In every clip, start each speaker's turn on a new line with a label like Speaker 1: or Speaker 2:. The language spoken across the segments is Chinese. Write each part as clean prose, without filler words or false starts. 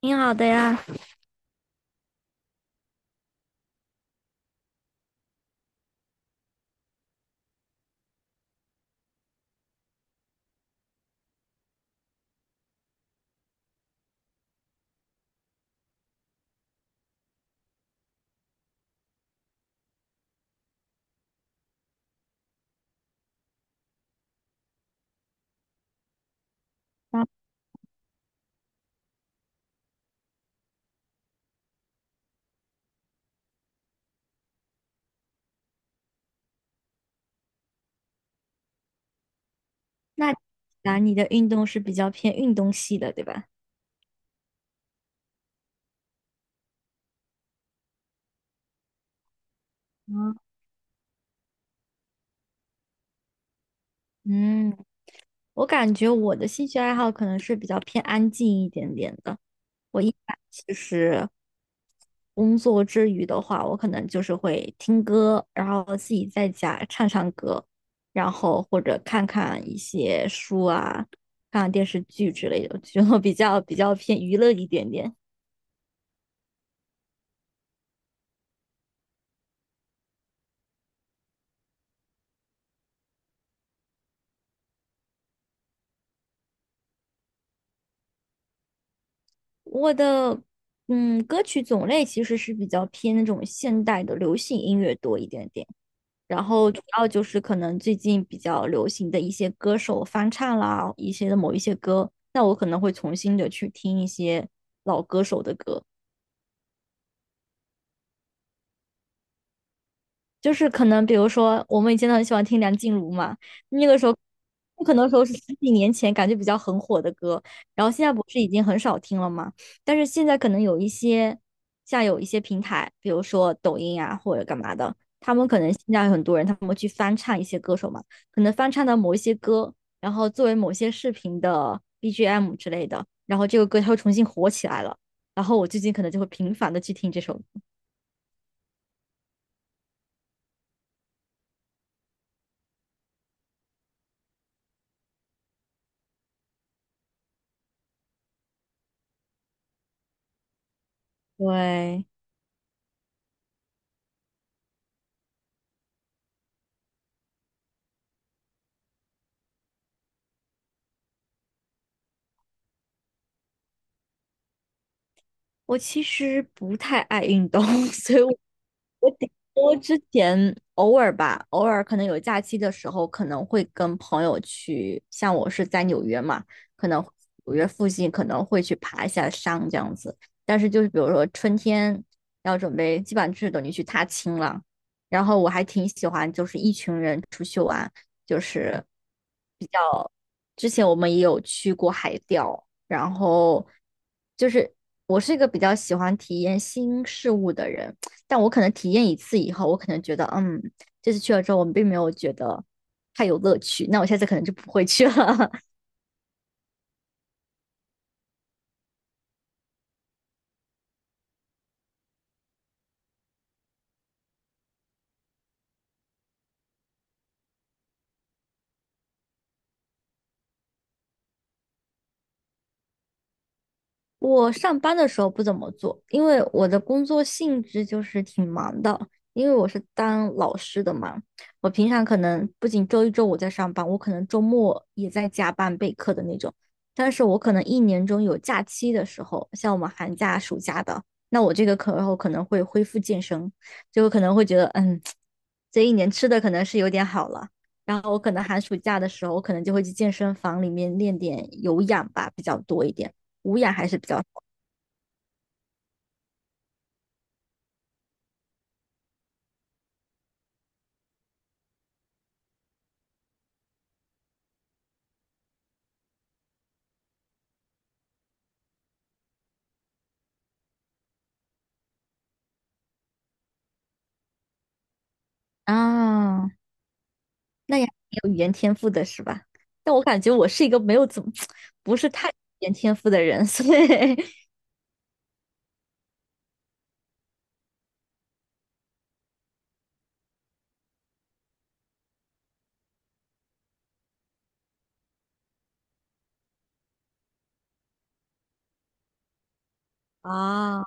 Speaker 1: 挺好的呀。那那那你的运动是比较偏运动系的，对吧？嗯，嗯，我感觉我的兴趣爱好可能是比较偏安静一点点的。我一般其实工作之余的话，我可能就是会听歌，然后自己在家唱唱歌，然后或者看看一些书啊，看看电视剧之类的，就比较偏娱乐一点点。我的歌曲种类其实是比较偏那种现代的流行音乐多一点点，然后主要就是可能最近比较流行的一些歌手翻唱啦，一些的某一些歌，那我可能会重新的去听一些老歌手的歌。就是可能比如说我们以前都很喜欢听梁静茹嘛，那个时候不可能说是10几年前感觉比较很火的歌，然后现在不是已经很少听了嘛，但是现在可能有一些像有一些平台，比如说抖音啊或者干嘛的，他们可能现在很多人他们会去翻唱一些歌手嘛，可能翻唱到某一些歌，然后作为某些视频的 BGM 之类的，然后这个歌它会重新火起来了，然后我最近可能就会频繁的去听这首歌，对。我其实不太爱运动，所以我我顶多之前偶尔吧，偶尔可能有假期的时候，可能会跟朋友去，像我是在纽约嘛，可能纽约附近可能会去爬一下山这样子。但是就是比如说春天要准备，基本上就是等于去踏青了。然后我还挺喜欢，就是一群人出去玩，就是比较。之前我们也有去过海钓，然后就是我是一个比较喜欢体验新事物的人。但我可能体验一次以后，我可能觉得，嗯，这次去了之后，我并没有觉得太有乐趣，那我下次可能就不会去了。我上班的时候不怎么做，因为我的工作性质就是挺忙的，因为我是当老师的嘛。我平常可能不仅周一周五在上班，我可能周末也在加班备课的那种。但是我可能一年中有假期的时候，像我们寒假、暑假的，那我这个课后可能会恢复健身，就可能会觉得，嗯，这一年吃的可能是有点好了。然后我可能寒暑假的时候，我可能就会去健身房里面练点有氧吧，比较多一点。无氧还是比较少啊，那也有语言天赋的是吧？但我感觉我是一个没有怎么 不是太有语言天赋的人，所以 啊，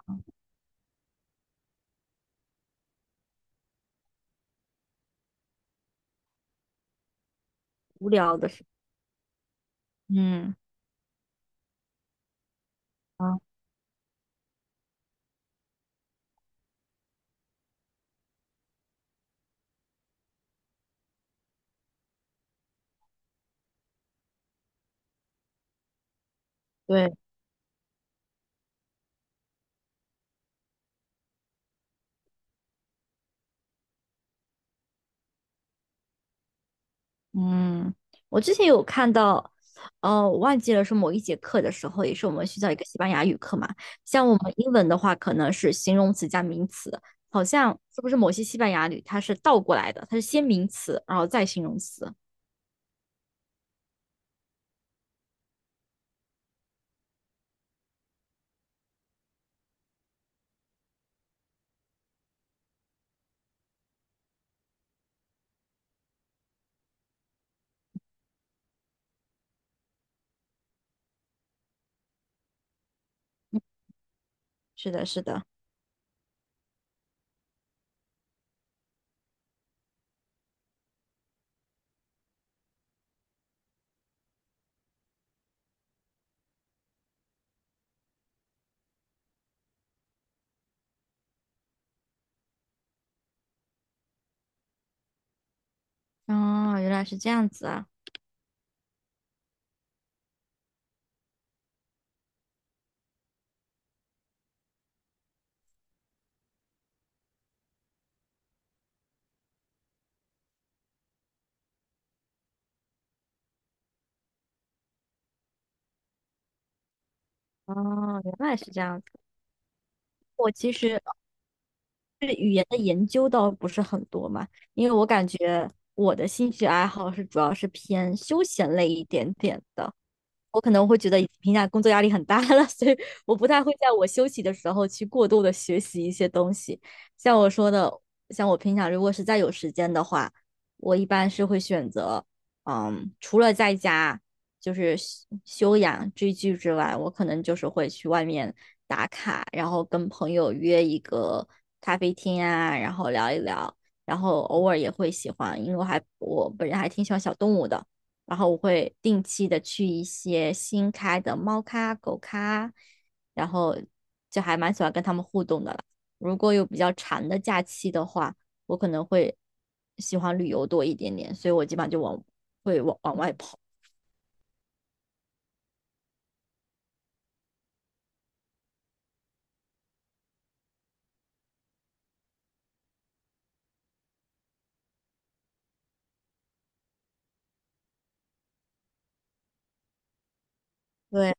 Speaker 1: 无聊的是，嗯啊，对，嗯，我之前有看到，哦，我忘记了是某一节课的时候，也是我们学校一个西班牙语课嘛，像我们英文的话，可能是形容词加名词，好像是不是某些西班牙语它是倒过来的，它是先名词，然后再形容词。是的，是的。哦，原来是这样子啊！哦，原来是这样子。我其实对语言的研究倒不是很多嘛，因为我感觉我的兴趣爱好是主要是偏休闲类一点点的。我可能会觉得平经评价工作压力很大了，所以我不太会在我休息的时候去过度的学习一些东西。像我说的，像我平常如果是再有时间的话，我一般是会选择，嗯，除了在家就是休休养追剧之外，我可能就是会去外面打卡，然后跟朋友约一个咖啡厅啊，然后聊一聊，然后偶尔也会喜欢，因为我还我本人还挺喜欢小动物的。然后我会定期的去一些新开的猫咖、狗咖，然后就还蛮喜欢跟他们互动的啦。如果有比较长的假期的话，我可能会喜欢旅游多一点点，所以我基本上就往会往往外跑。对，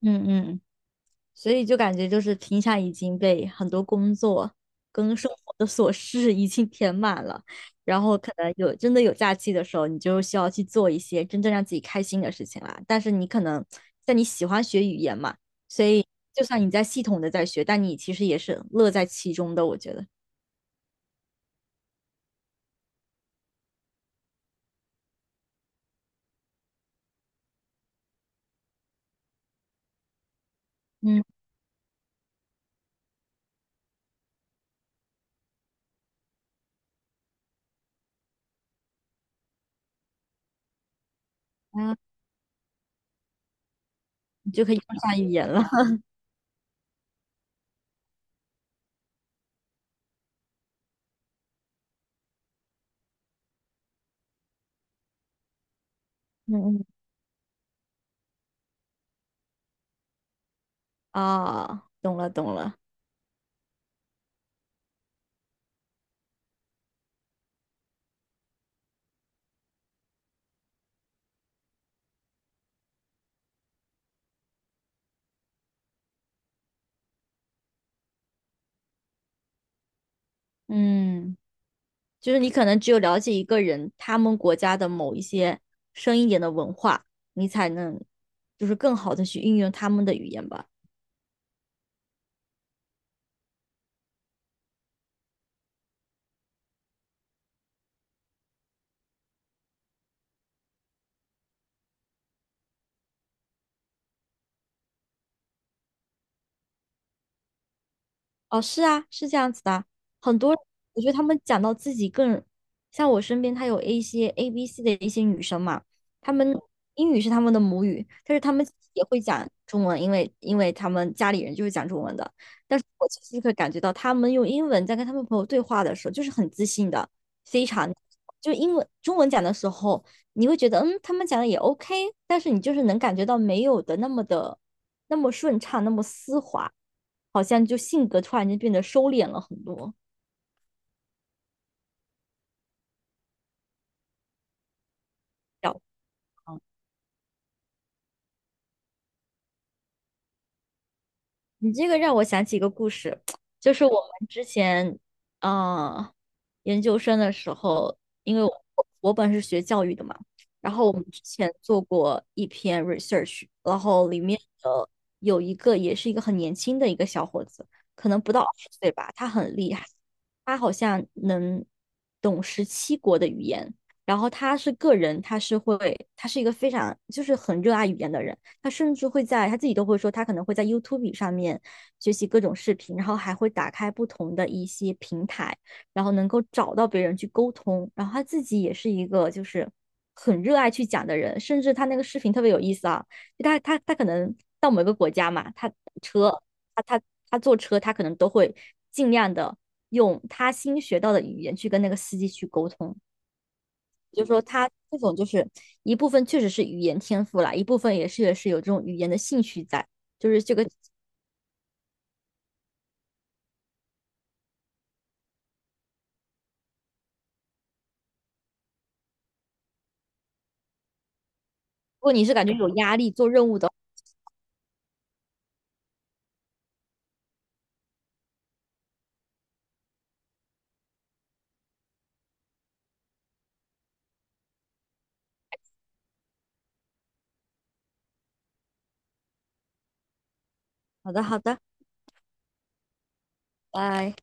Speaker 1: 嗯嗯。所以就感觉就是平常已经被很多工作跟生活的琐事 已经填满了，然后可能有真的有假期的时候，你就需要去做一些真正让自己开心的事情啦。但是你可能在你喜欢学语言嘛，所以就算你在系统的在学，但你其实也是乐在其中的，我觉得。嗯啊，你就可以用上语言了。嗯嗯，啊，懂了懂了，嗯。就是你可能只有了解一个人，他们国家的某一些深一点的文化，你才能就是更好的去运用他们的语言吧。哦，是啊，是这样子的。很多，我觉得他们讲到自己更，像我身边，她有一些 A、B、C 的一些女生嘛，她们英语是她们的母语，但是她们也会讲中文，因为她们家里人就是讲中文的。但是我其实可以感觉到，她们用英文在跟她们朋友对话的时候，就是很自信的，非常就英文中文讲的时候，你会觉得嗯，他们讲的也 OK,但是你就是能感觉到没有的那么的。那么顺畅，那么丝滑，好像就性格突然间变得收敛了很多。小样你这个让我想起一个故事，就是我们之前，呃，研究生的时候，因为我我本是学教育的嘛，然后我们之前做过一篇 research,然后里面的有一个也是一个很年轻的一个小伙子，可能不到20岁吧，他很厉害，他好像能懂17国的语言，然后他是个人，他是会，他是一个非常就是很热爱语言的人。他甚至会在他自己都会说，他可能会在 YouTube 上面学习各种视频，然后还会打开不同的一些平台，然后能够找到别人去沟通。然后他自己也是一个就是很热爱去讲的人，甚至他那个视频特别有意思啊，就他可能到某个国家嘛，他车他他他坐车，他可能都会尽量的用他新学到的语言去跟那个司机去沟通。就是说他这种就是一部分确实是语言天赋啦，一部分也是有这种语言的兴趣在，就是这个，如果你是感觉有压力做任务的话好的好的，拜。